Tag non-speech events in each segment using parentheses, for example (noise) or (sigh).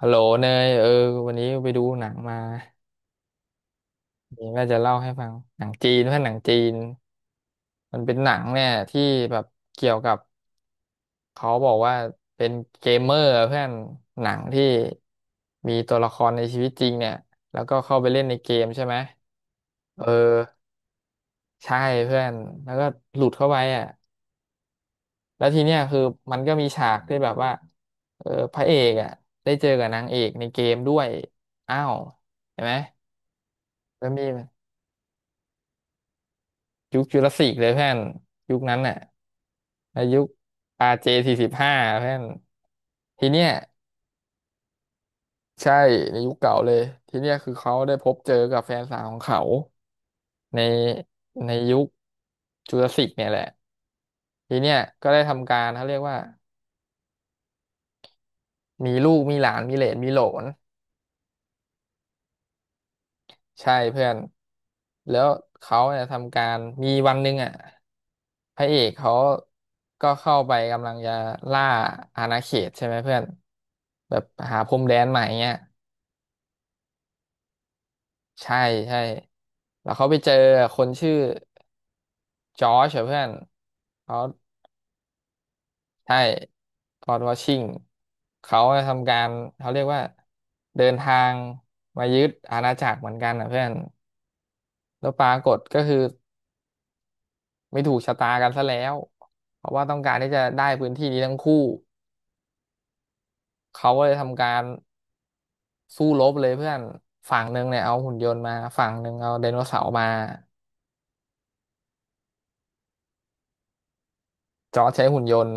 ฮัลโหลเนยเออวันนี้ไปดูหนังมานี่ว่าจะเล่าให้ฟังหนังจีนเพื่อนหนังจีนมันเป็นหนังเนี่ยที่แบบเกี่ยวกับเขาบอกว่าเป็นเกมเมอร์เพื่อนหนังที่มีตัวละครในชีวิตจริงเนี่ยแล้วก็เข้าไปเล่นในเกมใช่ไหมเออใช่เพื่อนแล้วก็หลุดเข้าไปอ่ะแล้วทีเนี้ยคือมันก็มีฉากที่แบบว่าพระเอกอ่ะได้เจอกับนางเอกในเกมด้วยอ้าวเห็นไหมก็มี ยุคจุลศิลป์เลยเพื่อนยุคนั้นน่ะในยุค RJ 45เพื่อนทีเนี้ยใช่ในยุคเก่าเลยทีเนี้ยคือเขาได้พบเจอกับแฟนสาวของเขาในในยุคจุลศิลป์เนี่ยแหละทีเนี้ยก็ได้ทำการเขาเรียกว่ามีลูกมีหลานมีเหลนมีโหลน ใช่เพื่อนแล้วเขาเนี่ยทำการมีวันหนึ่งอ่ะพระเอกเขาก็เข้าไปกำลังจะล่าอาณาเขตใช่ไหมเพื่อนแบบหาพรมแดนใหม่เงี้ยใช่ใช่แล้วเขาไปเจอคนชื่อจอร์จอะเพื่อนเขาใช่จอร์จวอชิงเขาทำการเขาเรียกว่าเดินทางมายึดอาณาจักรเหมือนกันนะเพื่อนแล้วปรากฏก็คือ ไม่ถูกชะตากันซะแล้วเพราะว่าต้องการที่จะได้พื้นที่นี้ทั้งคู่ เขาก็เลยทำการสู้รบเลยเพื่อนฝั่งหนึ่งเนี่ยเอาหุ่นยนต์มาฝั่งหนึ่งเอาไดโนเสาร์มาจอร์จใช้หุ่นยนต์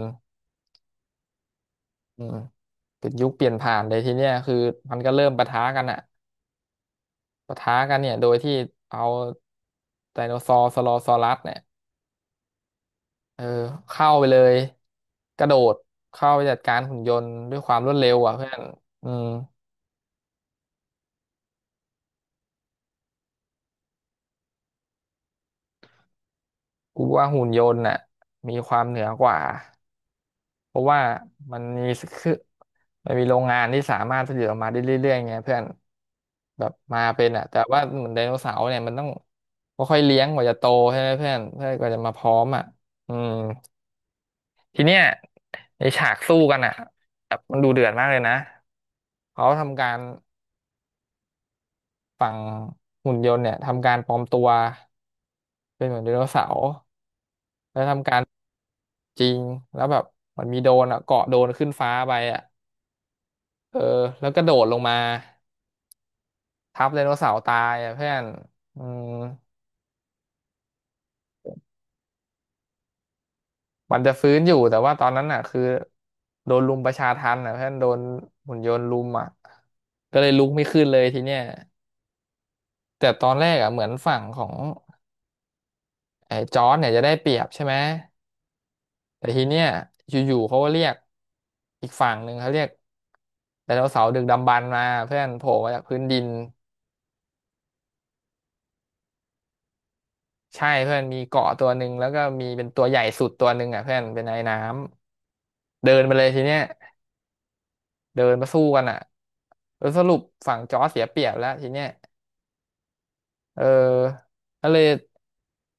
อืมเป็นยุคเปลี่ยนผ่านเลยทีเนี้ยคือมันก็เริ่มปะทะกันอะปะทะกันเนี่ยโดยที่เอาไดโนซอร์สโลซอรัสเนี่ยเออเข้าไปเลยกระโดดเข้าไปจัดการหุ่นยนต์ด้วยความรวดเร็วอ่ะเพื่อนอืมกูว่าหุ่นยนต์น่ะมีความเหนือกว่า เพราะว่ามันมีคือมันมีโรงงานที่สามารถผลิตออกมาได้เรื่อยๆไงเพื่อนแบบมาเป็นอ่ะแต่ว่าเหมือนไดโนเสาร์เนี่ยมันต้องค่อยๆเลี้ยงกว่าจะโตใช่ไหมเพื่อนเพื่อนกว่าจะมาพร้อมอ่ะอืมทีเนี้ยในฉากสู้กันอ่ะแบบมันดูเดือดมากเลยนะเขาทำการฝั่งหุ่นยนต์เนี่ยทำการปลอมตัวเป็นเหมือนไดโนเสาร์แล้วทำการจริงแล้วแบบมันมีโดรนอ่ะเกาะโดรนขึ้นฟ้าไปอ่ะเออแล้วก็โดดลงมา ทับไดโนเสาร์ตายอะเพื่อนอืมมันจะฟื้นอยู่แต่ว่าตอนนั้นอ่ะคือโดนรุมประชาทัณฑ์อ่ะเพื่อนโดนหุ่นยนต์รุมอ่ะก็เลยลุกไม่ขึ้นเลยทีเนี้ยแต่ตอนแรกอ่ะเหมือนฝั่งของไอ้จอร์จเนี่ยจะได้เปรียบใช่ไหมแต่ทีเนี้ยอยู่ๆเขาก็เรียกอีกฝั่งหนึ่งเขาเรียกไดโนเสาร์ดึกดำบรรพ์มาเพื่อนโผล่มาจากพื้นดินใช่เพื่อนมีเกาะตัวหนึ่งแล้วก็มีเป็นตัวใหญ่สุดตัวหนึ่งอ่ะเพื่อนเป็นไอ้น้ำเดินไปเลยทีเนี้ย เดินมาสู้กันอ่ะสรุปฝั่งจอร์จเสียเปรียบแล้วทีเนี้ยเออก็เลย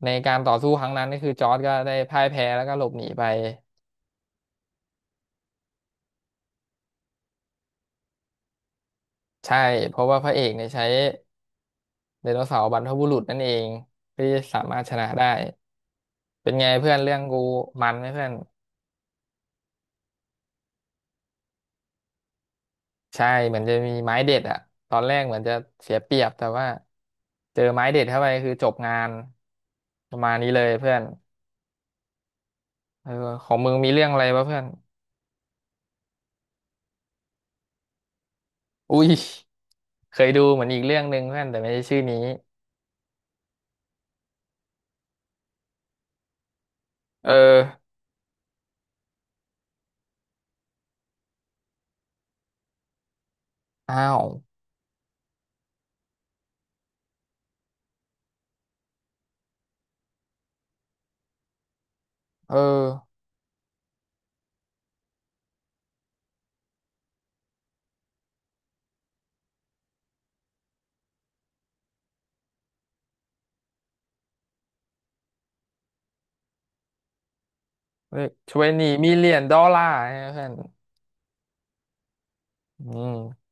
ในการต่อสู้ครั้งนั้นก็คือจอร์จก็ได้พ่ายแพ้แล้วก็หลบหนีไปใช่เพราะว่าพระเอกเนี่ยใช้ไดโนเสาร์บรรพบุรุษนั่นเองเพื่อที่จะสามารถชนะได้เป็นไงเพื่อนเรื่องกูมันไหมเพื่อนใช่เหมือนจะมีไม้เด็ดอะตอนแรกเหมือนจะเสียเปรียบแต่ว่าเจอไม้เด็ดเข้าไปคือจบงานประมาณนี้เลยเพื่อนเออของมึงมีเรื่องอะไรปะเพื่อน อุ้ยเคยดูเหมือนอีกเรื่องหนึ่งเพื่อนแต่ไม่ใช่ชื่อนี้เอออ้าวเออทเวนีมิเลียนดอลลาร์เพื่อนอืม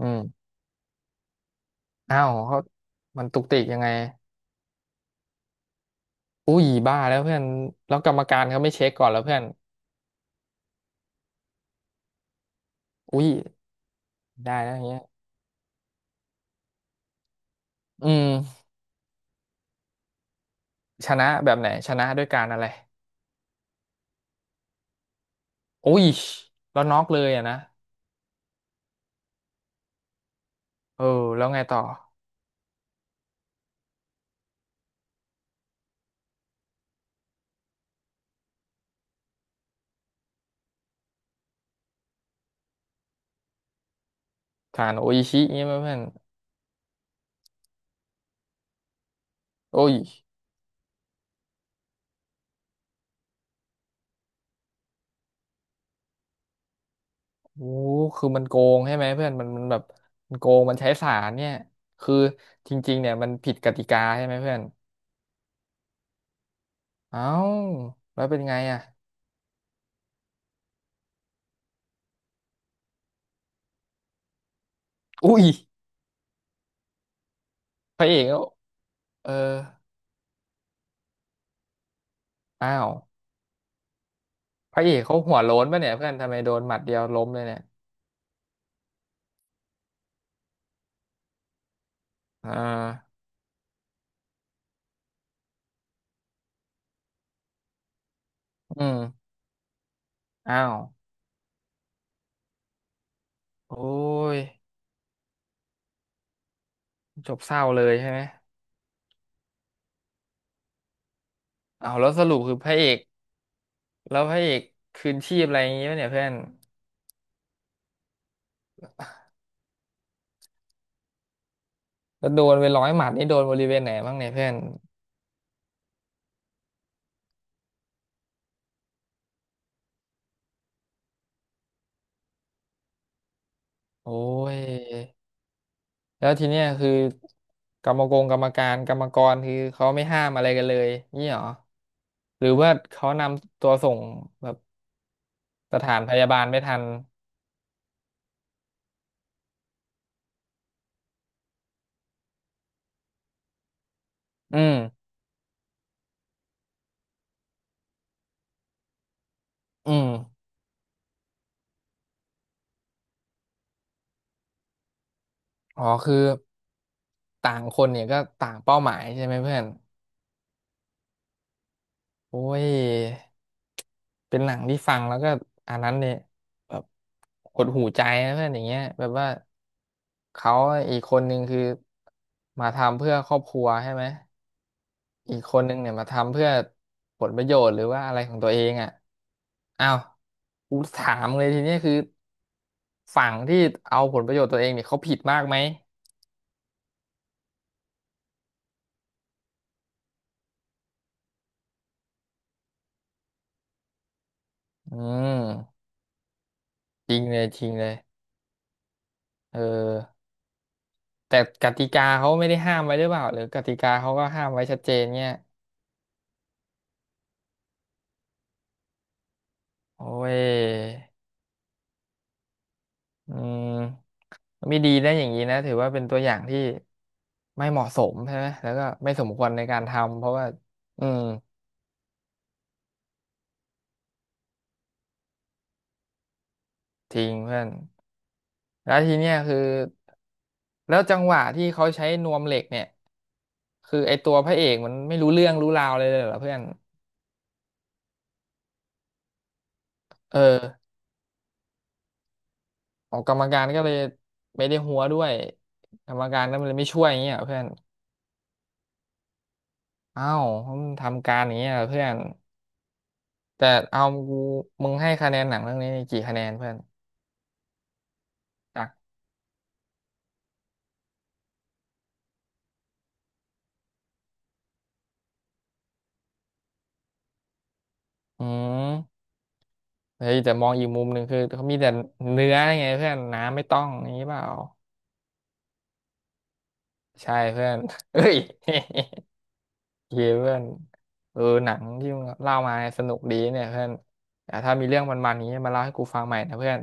อืมอ้าวเขามันตุกติกยังไงอุ้ยบ้าแล้วเพื่อนแล้วกรรมการเขาไม่เช็คก่อนแล้วเพื่อนอุ้ยได้แล้วอย่างเงี้ยอืมชนะแบบไหนชนะด้วยการอะไรอุ้ยแล้วน็อกเลยอะนะเออแล้วไงต่อการโออิชิเงี้ยไหมเพื่อนโอ้ย โอ้คือมันโกงใช่ไหมเพื่อนมันมันแบบมันโกงมันใช้สารเนี่ยคือจริงๆเนี่ยมันผิดกติกาใช่ไหมเพื่อนเอ้าแล้วเป็นไงอ่ะอุ้ยพระเอกเขาเอออ้าวพระเอกเขาหัวโล้นป่ะเนี่ยเพื่อนทำไมโดนหมัดเดียวล้มเลยเนี่ยอ่าอืมอ้าวโอ้ยจบเศร้าเลยใช่ไหมเ้าวแล้วสรุปคือพระเอกแล้วพระเอกคืนชีพอะไรอย่างงี้ป่ะเนี่ยเพื่อนแล้วโดนไป100 หมัดนี่โดนบริเวณไหนบ้างเนี่ยเพื่อนโอ้ย แล้วทีเนี้ยคือกรรมกรกรรมการกรรมกรคือเขาไม่ห้ามอะไรกันเลยนี่หรอหรือว่าเขานำตัวส่งแบบสถานพยาบาลไม่ทันอืมอืมอ๋อคือต่างคนเนี่ยก็ต่างเป้าหมายใช่ไหมเพื่อนโอ้ยเป็นหนังที่ฟังแล้วก็อันนั้นเนี่ยแบบหดหูใจนะเพื่อนอย่างเงี้ยแบบว่าเขาอีกคนนึงคือมาทำเพื่อครอบครัวใช่ไหม อีกคนนึงเนี่ยมาทำเพื่อผลประโยชน์หรือว่าอะไรของตัวเองอ่ะอ้าวกูถามเลยทีเนี้ยคือฝั่งที่เอาผลประโยชน์ตัวเองเนี่ยเขาผิดมากไหมอืมจริงเลยจริงเลยเออแต่กติกาเขาไม่ได้ห้ามไว้หรือเปล่าหรือกติกาเขาก็ห้ามไว้ชัดเจนเนี่ยโอ้ยอืมไม่ดีนะอย่างนี้นะถือว่าเป็นตัวอย่างที่ไม่เหมาะสมใช่ไหมแล้วก็ไม่สมควรในการทำเพราะว่าอืมจริงเพื่อน แล้วทีเนี้ยคือแล้วจังหวะที่เขาใช้นวมเหล็กเนี่ยคือไอตัวพระเอกมันไม่รู้เรื่องรู้ราวเลยเหรอเพื่อนเออขอกกรรมการก็เลยไม่ได้หัวด้วยกรรมการก็เลยไม่ช่วยอย่างเงี้ยเหรอเพื่อนอ้าวมึงทำการอย่างเงี้ยเหรอเพื่อนแต่เอากูมึงให้คะแนนหนังเรื่องนี้กี่คะแนนเพื่อนจากอืมเฮ้ยแต่มองอีกมุมหนึ่งคือเขามีแต่เนื้อไงเพื่อนน้ำไม่ต้องอย่างนี้เปล่าใช่เพื่อน (laughs) เฮ้ย เคเพื่อนเออหนังที่มึงเล่ามาเนี่ยสนุกดีเนี่ยเพื่อนแต่ถ้ามีเรื่องมันๆอย่างนี้มาเล่าให้กูฟังใหม่นะเพื่อน